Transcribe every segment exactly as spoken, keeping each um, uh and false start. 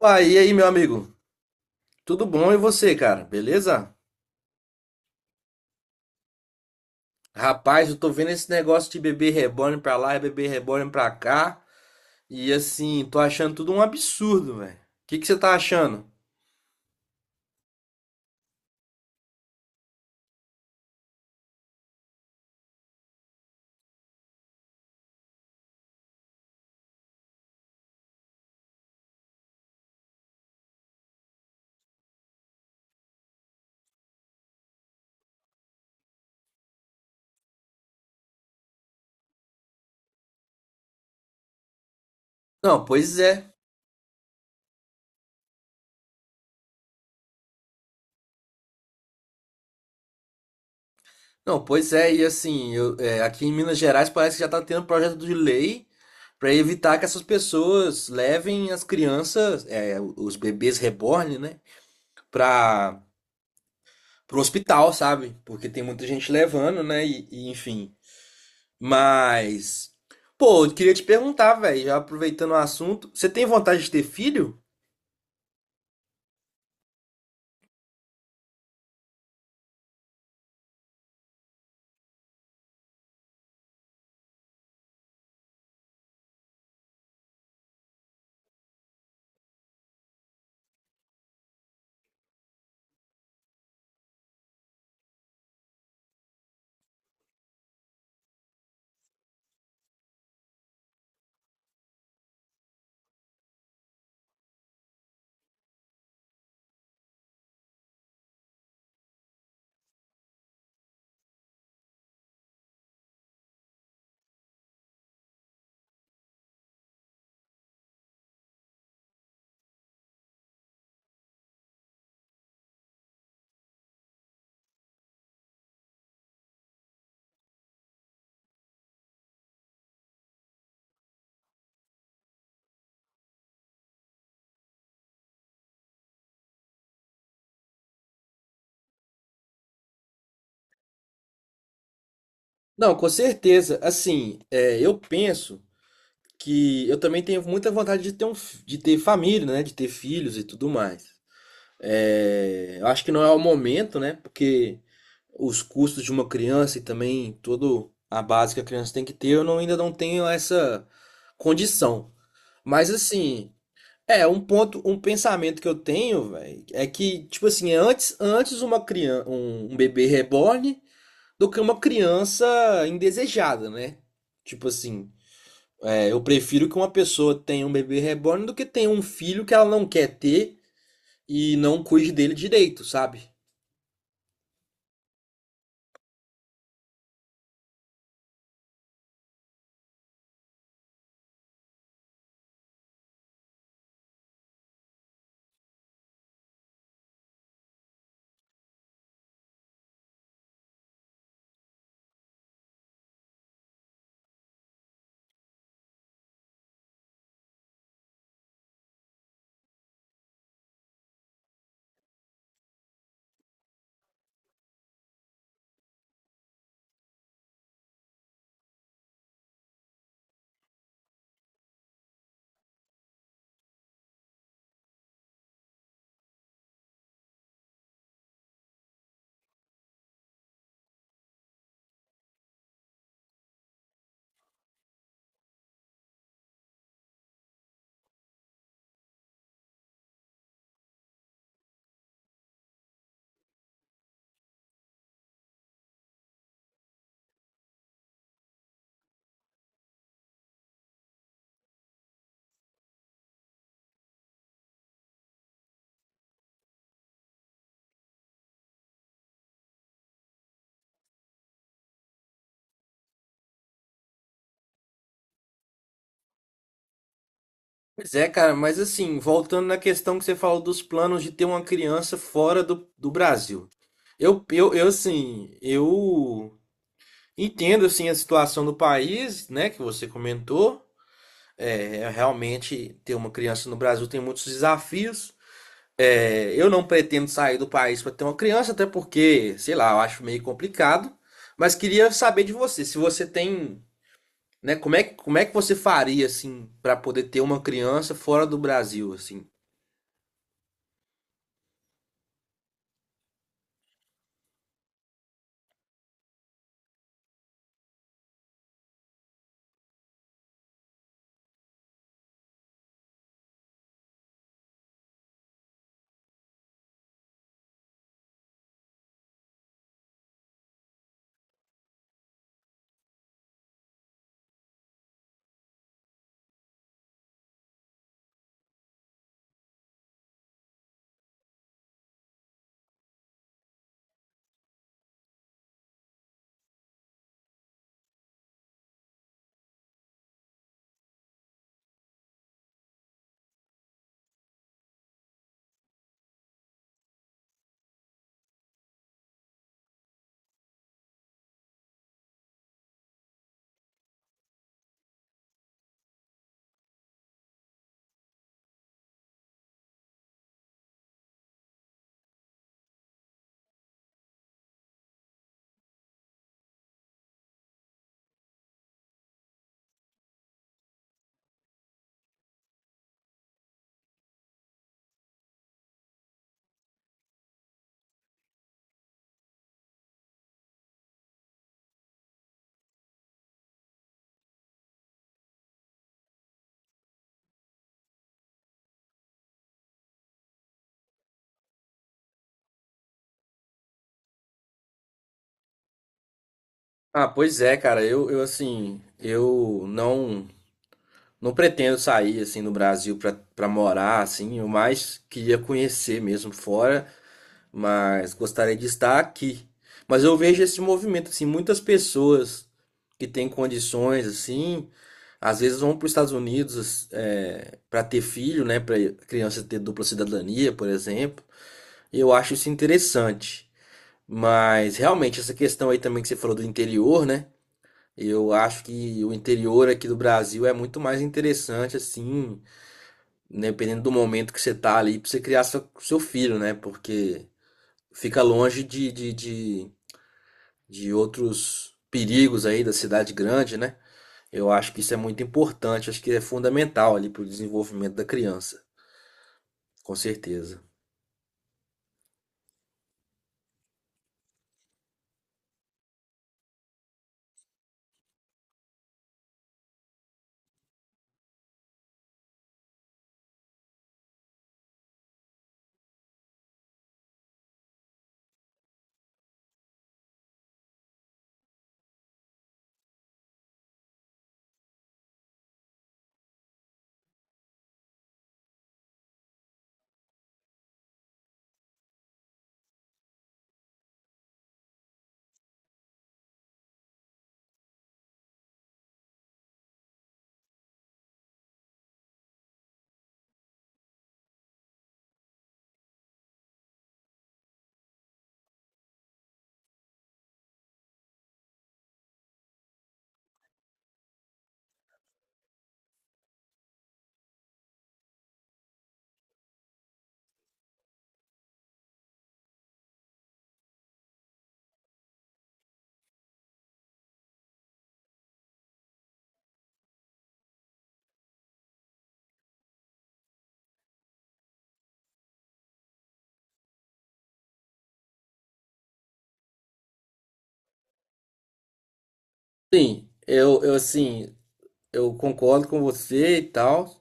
Opa, e aí, meu amigo? Tudo bom e você, cara? Beleza? Rapaz, eu tô vendo esse negócio de bebê reborn pra lá e bebê reborn pra cá. E assim, tô achando tudo um absurdo, velho. O que que você tá achando? Não, pois é. Não, pois é. E assim, eu- é, aqui em Minas Gerais parece que já tá tendo projeto de lei pra evitar que essas pessoas levem as crianças, é, os bebês reborn, né? Pra, pro hospital, sabe? Porque tem muita gente levando, né? e e, enfim. Mas, pô, eu queria te perguntar, velho, já aproveitando o assunto, você tem vontade de ter filho? Não, com certeza. Assim, é, eu penso que eu também tenho muita vontade de ter um, fi- de ter família, né? De ter filhos e tudo mais. É, eu acho que não é o momento, né? Porque os custos de uma criança e também toda a base que a criança tem que ter, eu não- ainda não tenho essa condição. Mas assim, é, um ponto, um pensamento que eu tenho, velho, é que, tipo assim, é antes, antes uma criança, um, um bebê reborn do que uma criança indesejada, né? Tipo assim, é, eu prefiro que uma pessoa tenha um bebê reborn do que tenha um filho que ela não quer ter e não cuide dele direito, sabe? Pois é, cara, mas assim, voltando na questão que você falou dos planos de ter uma criança fora do, do Brasil. Eu, eu, eu, assim, eu entendo assim a situação do país, né, que você comentou. É, realmente ter uma criança no Brasil tem muitos desafios. É, eu não pretendo sair do país para ter uma criança, até porque, sei lá, eu acho meio complicado. Mas queria saber de você, se você tem, né, como é, que- como é que você faria assim para poder ter uma criança fora do Brasil, assim? Ah, pois é, cara. Eu, eu assim, eu não não pretendo sair assim no Brasil para para morar assim, eu mais queria conhecer mesmo fora, mas gostaria de estar aqui. Mas eu vejo esse movimento assim, muitas pessoas que têm condições assim, às vezes vão para os Estados Unidos para ter filho, né, para criança ter dupla cidadania, por exemplo. E eu acho isso interessante. Mas realmente essa questão aí também que você falou do interior, né? Eu acho que o interior aqui do Brasil é muito mais interessante assim, né, dependendo do momento que você tá ali, pra você criar seu, seu filho, né? Porque fica longe de, de, de, de outros perigos aí da cidade grande, né? Eu acho que isso é muito importante, acho que é fundamental ali pro desenvolvimento da criança, com certeza. Sim, eu, eu assim, eu concordo com você e tal.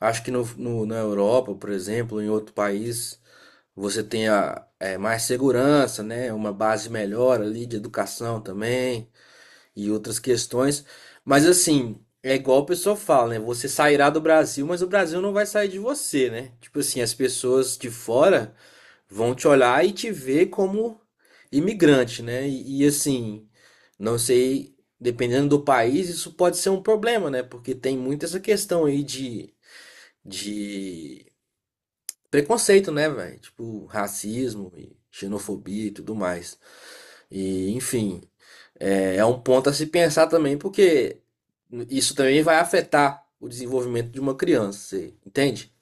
Acho que no, no- na Europa, por exemplo, em outro país, você tem a, é, mais segurança, né? Uma base melhor ali de educação também, e outras questões. Mas assim, é igual o pessoal fala, né? Você sairá do Brasil, mas o Brasil não vai sair de você, né? Tipo assim, as pessoas de fora vão te olhar e te ver como imigrante, né? E, e, assim, não sei, dependendo do país, isso pode ser um problema, né? Porque tem muito essa questão aí de, de preconceito, né, velho? Tipo, racismo e xenofobia e tudo mais. E, enfim. É, é um ponto a se pensar também, porque isso também vai afetar o desenvolvimento de uma criança, você entende?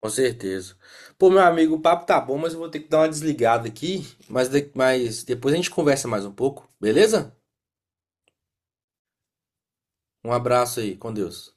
Com certeza. Pô, meu amigo, o papo tá bom, mas eu vou ter que dar uma desligada aqui, mas, de- mas depois a gente conversa mais um pouco, beleza? Um abraço aí, com Deus.